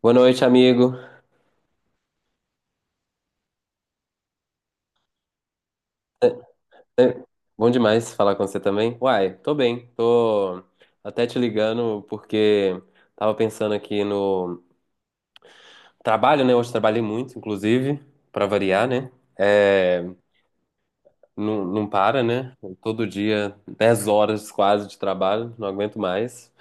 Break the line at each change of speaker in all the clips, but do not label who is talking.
Boa noite, amigo. É, Bom demais falar com você também. Uai, tô bem. Tô até te ligando porque tava pensando aqui no trabalho, né? Hoje trabalhei muito, inclusive, pra variar, né? É, não, não para, né? Todo dia, 10 horas quase de trabalho, não aguento mais.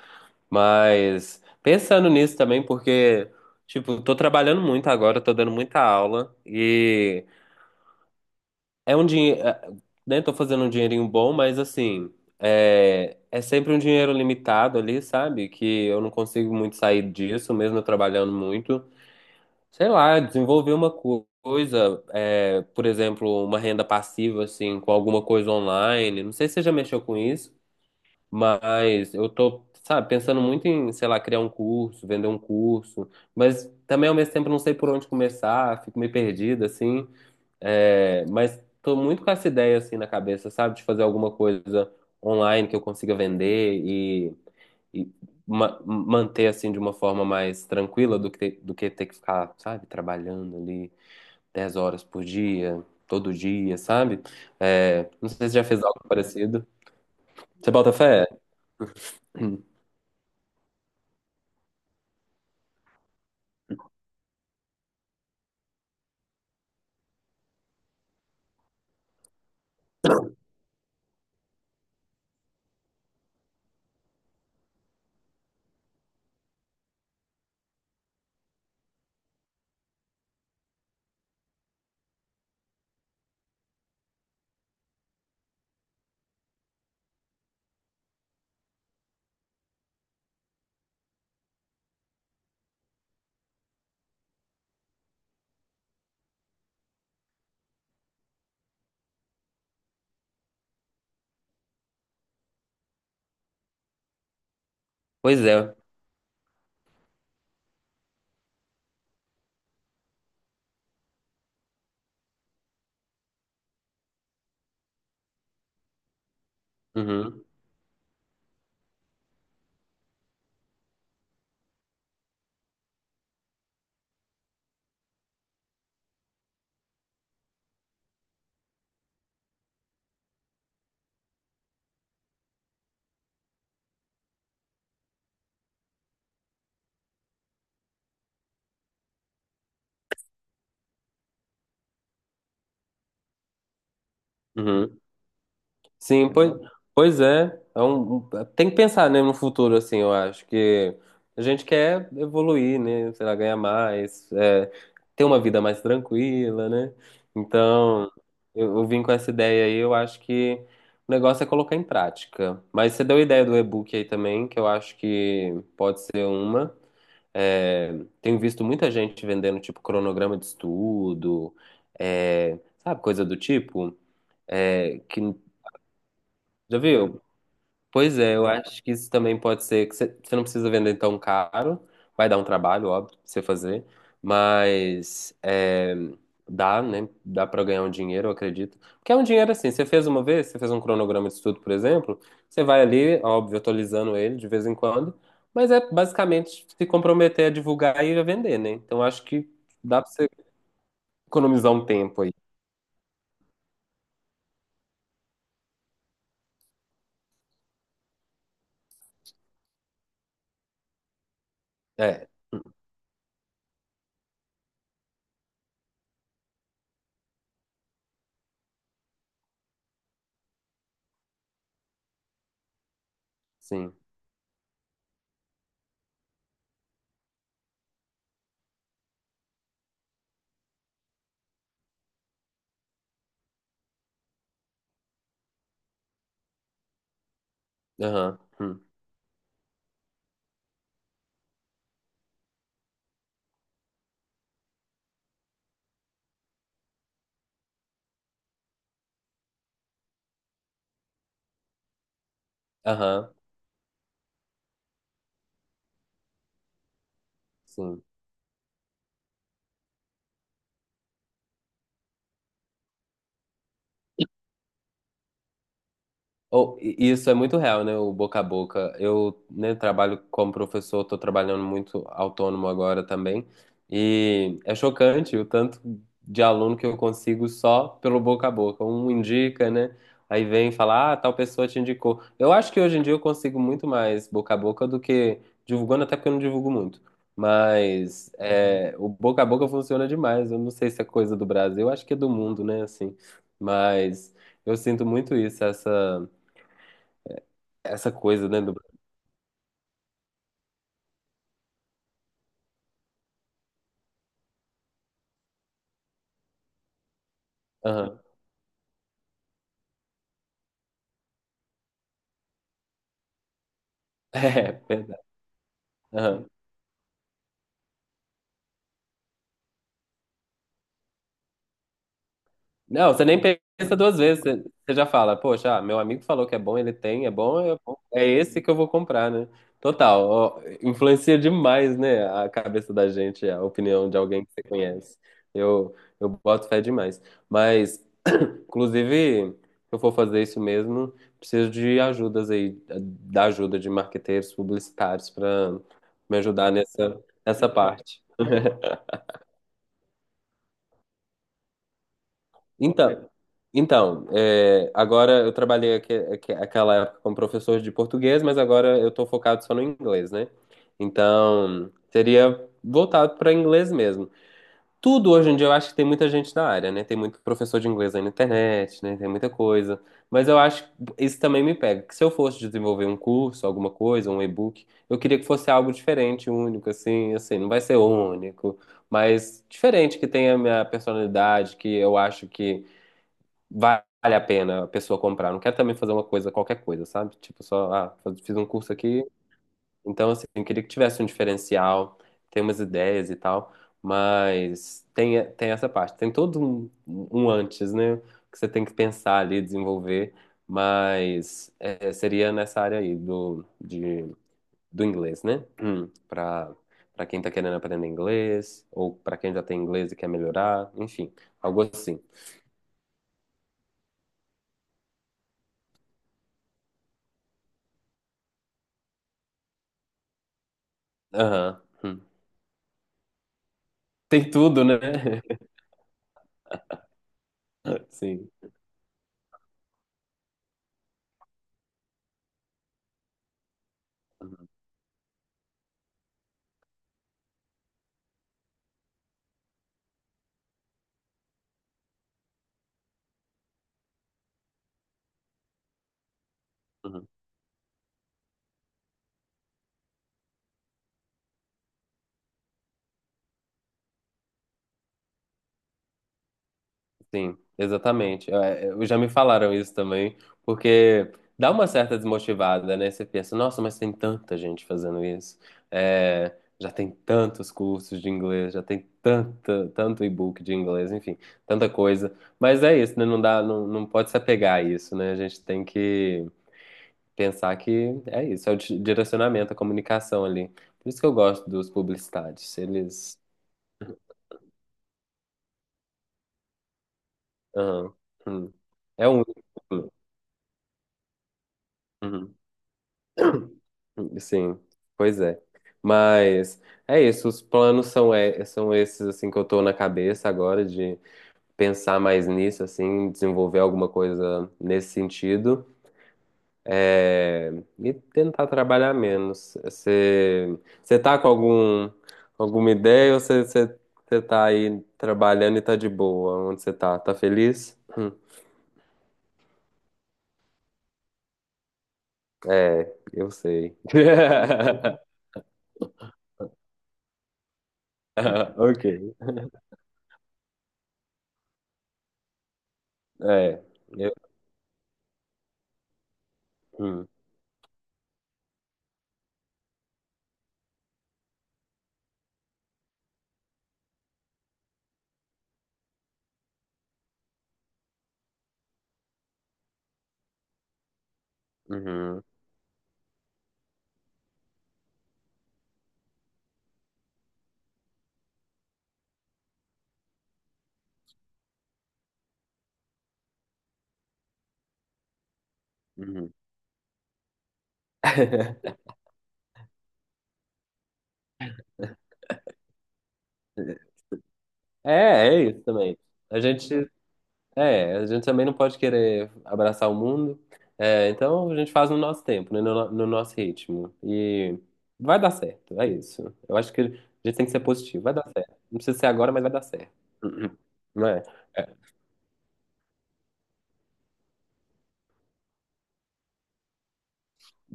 Mas pensando nisso também, porque, tipo, tô trabalhando muito agora, tô dando muita aula e. É um dinheiro, né? Tô fazendo um dinheirinho bom, mas assim, é sempre um dinheiro limitado ali, sabe? Que eu não consigo muito sair disso, mesmo eu trabalhando muito. Sei lá, desenvolver uma coisa, por exemplo, uma renda passiva, assim, com alguma coisa online. Não sei se você já mexeu com isso, mas eu tô, sabe, pensando muito em, sei lá, criar um curso, vender um curso, mas também ao mesmo tempo não sei por onde começar, fico meio perdido, assim. Mas tô muito com essa ideia assim na cabeça, sabe? De fazer alguma coisa online que eu consiga vender e manter assim de uma forma mais tranquila do que, do que ter que ficar, sabe, trabalhando ali 10 horas por dia, todo dia, sabe? Não sei se já fez algo parecido. Você bota fé? Pois é. Uhum, uhum. Sim, entendeu? Pois é. É tem que pensar, né, no futuro, assim, eu acho que a gente quer evoluir, né? Sei lá, ganhar mais, ter uma vida mais tranquila, né? Então, eu vim com essa ideia aí, eu acho que o negócio é colocar em prática. Mas você deu a ideia do e-book aí também, que eu acho que pode ser uma. É, Tenho visto muita gente vendendo, tipo, cronograma de estudo, sabe, coisa do tipo que já viu? Pois é, eu acho que isso também pode ser que você não precisa vender tão caro, vai dar um trabalho, óbvio, pra você fazer, mas dá, né? Dá pra ganhar um dinheiro, eu acredito. Porque é um dinheiro assim, você fez uma vez, você fez um cronograma de estudo, por exemplo, você vai ali, óbvio, atualizando ele de vez em quando, mas é basicamente se comprometer a divulgar e a vender, né? Então acho que dá pra você economizar um tempo aí. É, sim. Aham. Hum. Aham. Sim. E isso é muito real, né? O boca a boca. Eu, né, trabalho como professor, estou trabalhando muito autônomo agora também. E é chocante o tanto de aluno que eu consigo só pelo boca a boca. Um indica, né? Aí vem falar, ah, tal pessoa te indicou. Eu acho que hoje em dia eu consigo muito mais boca a boca do que divulgando, até porque eu não divulgo muito. Mas é, o boca a boca funciona demais. Eu não sei se é coisa do Brasil, eu acho que é do mundo, né? Assim, mas eu sinto muito isso, essa. Essa coisa, né? Do... Aham. É, verdade. Aham. Não, você nem pensa duas vezes, você já fala, poxa, ah, meu amigo falou que é bom, ele tem, é bom, é bom, é esse que eu vou comprar, né? Total, ó, influencia demais, né, a cabeça da gente, a opinião de alguém que você conhece. Eu boto fé demais. Mas, inclusive, se eu for fazer isso mesmo, preciso de ajudas aí, da ajuda de marqueteiros publicitários para me ajudar nessa parte. Então, então agora eu trabalhei aquela época como professor de português, mas agora eu estou focado só no inglês, né? Então, seria voltado para inglês mesmo. Tudo hoje em dia eu acho que tem muita gente da área, né? Tem muito professor de inglês aí na internet, né? Tem muita coisa. Mas eu acho que isso também me pega, que se eu fosse desenvolver um curso, alguma coisa, um e-book, eu queria que fosse algo diferente, único, assim, não vai ser único, mas diferente, que tenha a minha personalidade, que eu acho que vale a pena a pessoa comprar. Não quero também fazer uma coisa, qualquer coisa, sabe? Tipo, só, ah, fiz um curso aqui, então assim, eu queria que tivesse um diferencial, tem umas ideias e tal, mas tem essa parte. Tem todo um antes, né? Que você tem que pensar ali, desenvolver, mas é, seria nessa área aí do inglês, né? Pra quem tá querendo aprender inglês, ou pra quem já tem inglês e quer melhorar, enfim, algo assim. Aham. Hum. Tem tudo, né? Sim. Uhum, uhum. Sim, exatamente. Eu já me falaram isso também, porque dá uma certa desmotivada, né? Você pensa, nossa, mas tem tanta gente fazendo isso. Já tem tantos cursos de inglês, já tem tanta, tanto e-book de inglês, enfim, tanta coisa. Mas é isso, né? Não dá, não, não pode se apegar a isso, né? A gente tem que pensar que é isso, é o direcionamento, a comunicação ali. Por isso que eu gosto dos publicitários. Eles Aham, hum. É um. Uhum, uhum, sim, pois é. Mas é isso, os planos são, são esses assim que eu tô na cabeça agora de pensar mais nisso, assim, desenvolver alguma coisa nesse sentido. é, e tentar trabalhar menos. Você tá com algum, alguma ideia ou você tá aí trabalhando e tá de boa? Onde você tá? Tá feliz? Hum. É, eu sei. Ok. É. Eu- hum, uhum, uhum. É, é isso também. A gente, a gente também não pode querer abraçar o mundo. Então a gente faz no nosso tempo, né, no nosso ritmo. E vai dar certo, é isso. Eu acho que a gente tem que ser positivo. Vai dar certo. Não precisa ser agora, mas vai dar certo. Uhum. Não é?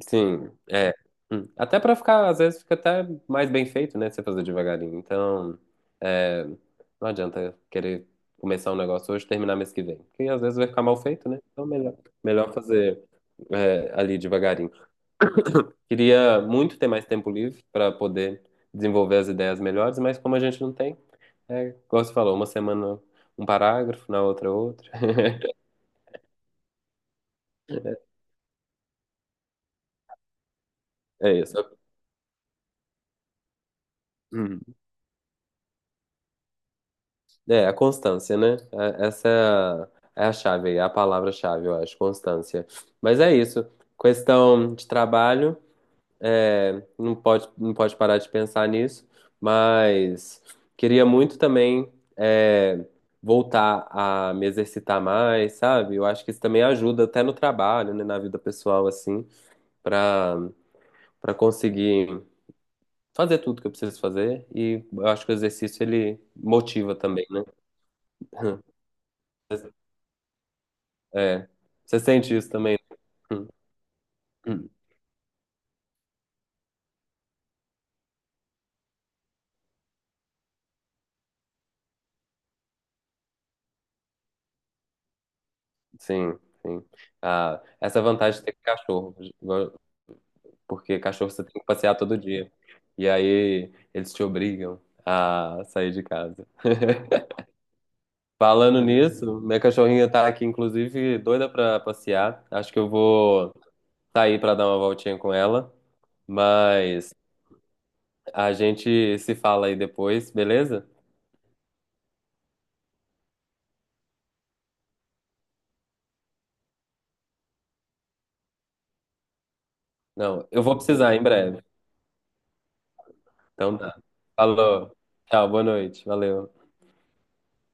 Sim, é. Hum. Até pra ficar, às vezes fica até mais bem feito, né? Se você fazer devagarinho. Então, é, não adianta querer começar um negócio hoje e terminar mês que vem. Porque às vezes vai ficar mal feito, né? Então, melhor fazer ali devagarinho. Queria muito ter mais tempo livre pra poder desenvolver as ideias melhores, mas como a gente não tem, igual você falou, uma semana um parágrafo, na outra outra. É isso. Hum. É, a constância, né? Essa é a chave, aí, é a palavra-chave, eu acho, constância. Mas é isso. Questão de trabalho, não pode parar de pensar nisso, mas queria muito também voltar a me exercitar mais, sabe? Eu acho que isso também ajuda até no trabalho, né? Na vida pessoal, assim, para para conseguir fazer tudo que eu preciso fazer. E eu acho que o exercício, ele motiva também, né? É. Você sente isso também? Né? Sim, sim. Ah, essa vantagem de ter cachorro, porque cachorro você tem que passear todo dia. E aí eles te obrigam a sair de casa. Falando nisso, minha cachorrinha tá aqui, inclusive, doida pra passear. Acho que eu vou sair pra dar uma voltinha com ela, mas a gente se fala aí depois, beleza? Não, eu vou precisar em breve. Então tá. Falou. Tchau, boa noite. Valeu.